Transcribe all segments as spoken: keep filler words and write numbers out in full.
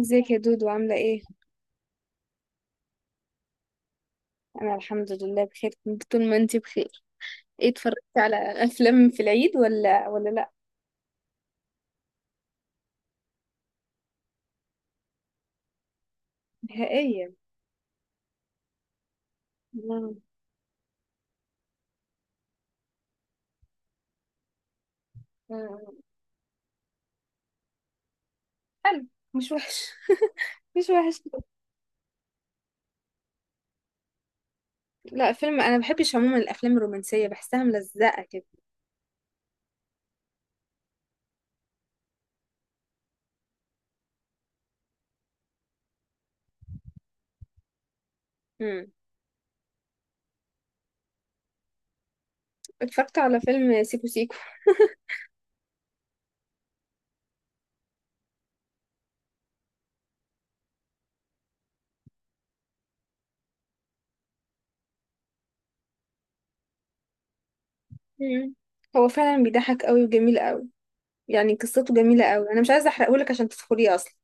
ازيك يا دودو؟ عاملة ايه؟ أنا الحمد لله بخير، كنت طول ما انتي بخير. ايه، اتفرجتي على أفلام في العيد ولا ولا لأ؟ نهائيا. مم. مم. حلو، مش وحش. مش وحش. لا، فيلم أنا بحبش عموما الأفلام الرومانسية، بحسها ملزقة كده. مم. اتفرجت على فيلم سيكو سيكو. مم. هو فعلا بيضحك قوي وجميل قوي، يعني قصته جميلة قوي. أنا مش عايزة أحرقهولك عشان تدخليه أصلا.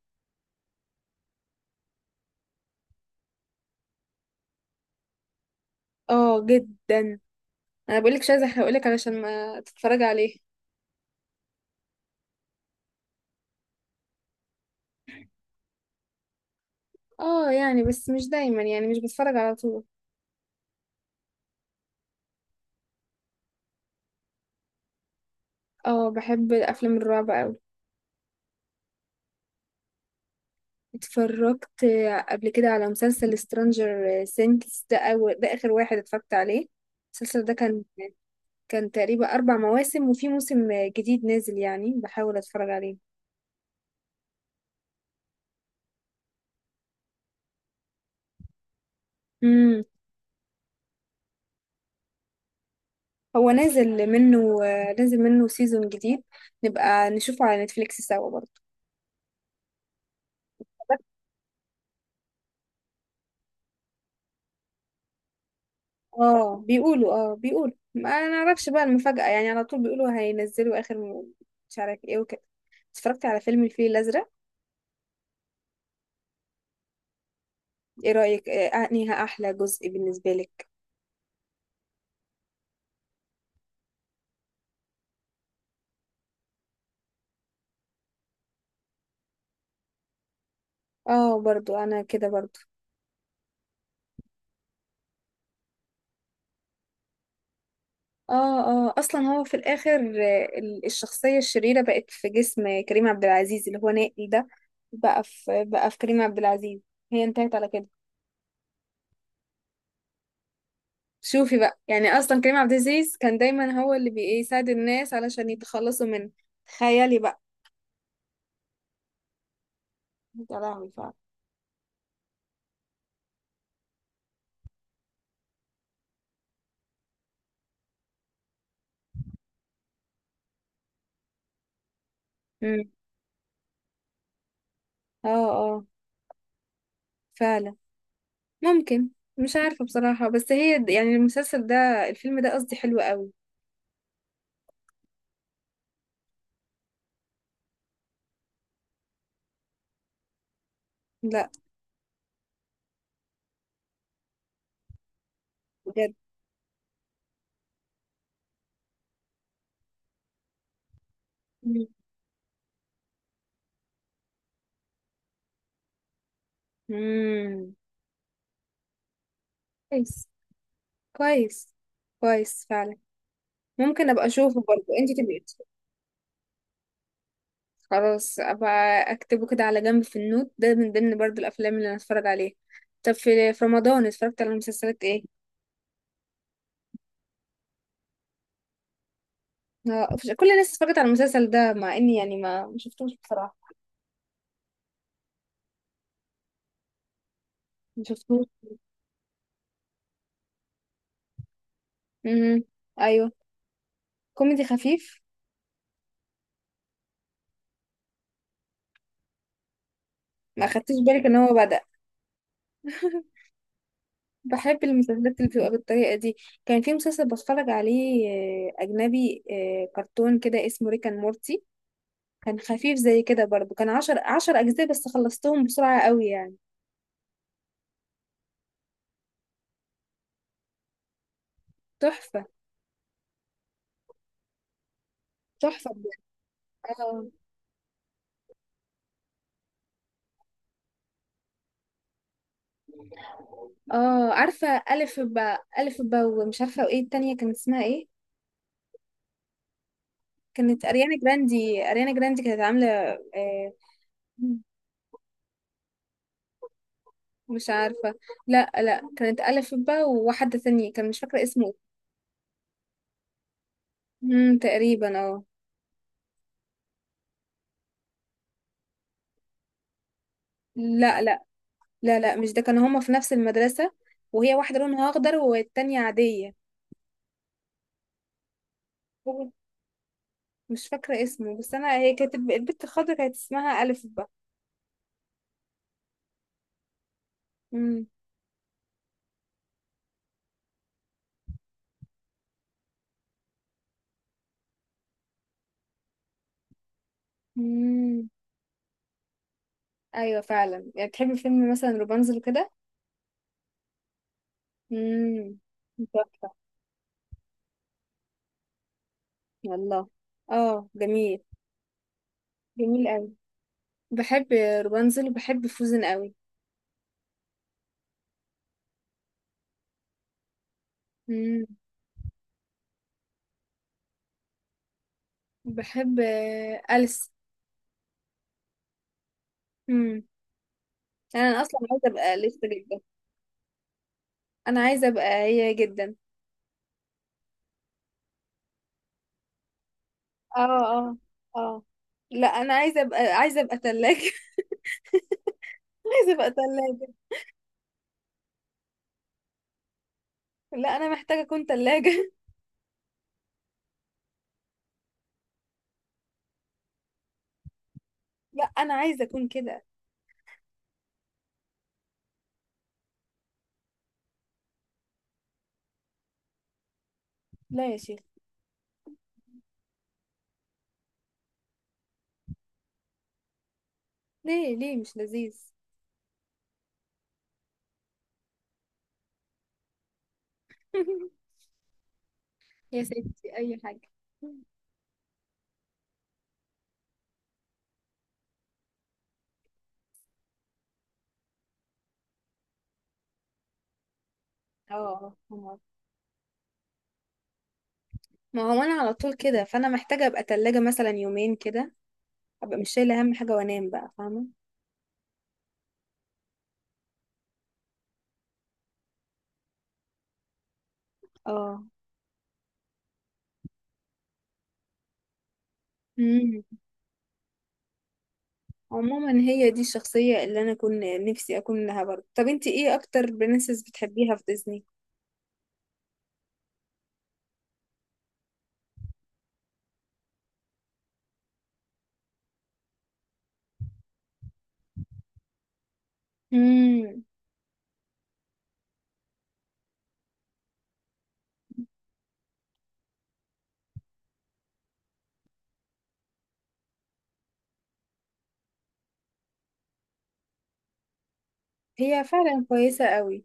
اه جدا. أنا بقولك مش عايزة أحرقهولك علشان ما تتفرجي عليه. اه يعني، بس مش دايما، يعني مش بتفرج على طول. اه بحب الافلام الرعب قوي. اتفرجت قبل كده على مسلسل سترانجر سينكس. ده أول ده اخر واحد اتفرجت عليه. المسلسل ده كان كان تقريبا اربع مواسم، وفي موسم جديد نازل يعني بحاول اتفرج عليه. امم. هو نازل منه نازل منه سيزون جديد. نبقى نشوفه على نتفليكس سوا برضه. اه بيقولوا اه بيقولوا، ما نعرفش بقى المفاجأة. يعني على طول بيقولوا هينزلوا اخر م- مش عارف ايه وكده. اتفرجت على فيلم الفيل الأزرق. ايه رأيك، آه، انهي احلى جزء بالنسبة لك؟ اه برضو انا كده برضو. اه اه، اصلا هو في الاخر آه، ال- الشخصية الشريرة بقت في جسم كريم عبد العزيز اللي هو نائل ده. بقى في بقى في كريم عبد العزيز. هي انتهت على كده. شوفي بقى، يعني اصلا كريم عبد العزيز كان دايما هو اللي بيساعد الناس علشان يتخلصوا من. تخيلي بقى. يا لهوي فعلا. مم. اه اه فعلا. ممكن. مش عارفة بصراحة، بس هي د- يعني المسلسل ده الفيلم ده قصدي حلو قوي. لا بجد. مم. مم. كويس. كويس. كويس فعلا. ممكن ابقى اشوفه برضه، انت تبقي تشوفي. خلاص ابقى اكتبه كده على جنب في النوت ده، من ضمن برضه الافلام اللي انا اتفرج عليها. طب، في في رمضان اتفرجت على مسلسلات ايه؟ آه، مفيش- كل الناس اتفرجت على المسلسل ده، مع اني يعني ما ما شفتوش بصراحة. ما شفتوش. امم. ايوه. كوميدي خفيف. ما خدتش بالك ان هو بدأ. بحب المسلسلات اللي بتبقى بالطريقة دي. كان في مسلسل بتفرج عليه آه، أجنبي، آه، كرتون كده اسمه ريكان مورتي. كان خفيف زي كده برضه، كان عشر عشر أجزاء بس، خلصتهم بسرعة قوي يعني. تحفة. تحفة بجد. اه اه عارفة. ألف با، ألف با ومش عارفة. وإيه التانية كان اسمها إيه؟ كانت أريانا جراندي أريانا جراندي كانت عاملة آه. مش عارفة. لا لا، كانت ألف با وواحدة تانية كان مش فاكرة اسمه. مم، تقريبا اه. لا لا لا لا، مش ده. كانوا هما في نفس المدرسة، وهي واحدة لونها أخضر والتانية عادية. هو مش فاكرة اسمه، بس أنا هي كانت الب- البت الخضرا كانت اسمها ألف بقى. مم. مم. أيوة فعلا. يعني بتحبي فيلم مثلا روبانزل كده؟ مم. تحفة. والله. اه جميل. جميل أوي. بحب روبانزل وبحب فوزن أوي. مم. بحب آه، أليس. مم. أنا أصلا عايزة أبقى أليس جدا. أنا عايزة أبقى هي جدا. اه اه اه، لا انا عايزه ابقى عايزه ابقى ثلاجه. عايزه ابقى ثلاجه. لا انا محتاجه اكون ثلاجه. لا انا عايزه اكون كده. لا يا شيخ. ليه، ليه مش لذيذ؟ يا سيدتي اي حاجه. اه آه، فهمت. ما هو انا على طول كده، فانا محتاجه ابقى ثلاجه مثلا يومين كده، ابقى مش شايله هم حاجه وانام بقى فاهمه. اه. امم. عموما هي دي الشخصيه اللي انا كنت نفسي اكون لها برضه. طب انتي ايه اكتر برنسس بتحبيها في ديزني؟ امم. هي فعلا كويسة قوي.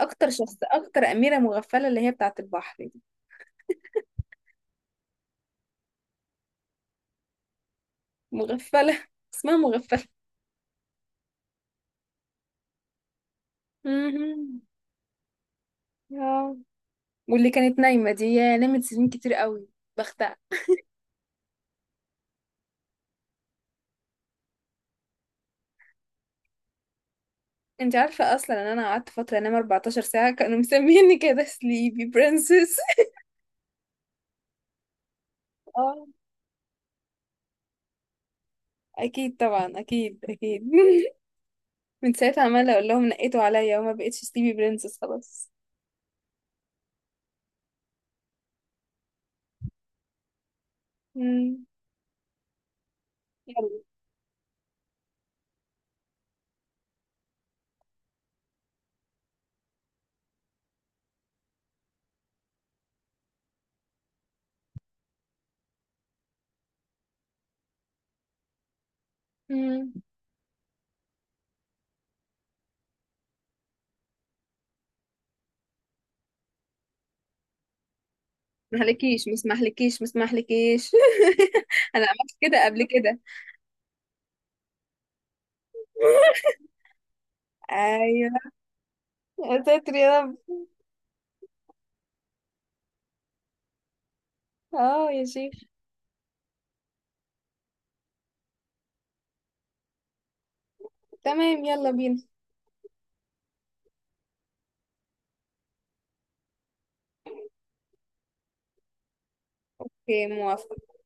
اكتر شخص اكتر اميرة مغفلة اللي هي بتاعة البحر دي. مغفلة. اسمها مغفلة. مهم. اه واللي كانت نايمة دي، يا نامت سنين كتير قوي، بختها. انت عارفة اصلا ان انا قعدت فترة انام أربعة عشر ساعة؟ كانوا مسميني كده سليبي برنسس. اه اكيد طبعا، اكيد اكيد. من ساعتها عمالة اقول لهم نقيتوا عليا وما بقتش سليبي برنسس خلاص. مم. يلا. مم. مهلكيش، ما اسمحلكيش، ما اسمحلكيش. انا عملت كده قبل كده. ايوه. يا ساتر يا رب. اه يا شيخ. تمام يلا بينا. اوكي موافقة.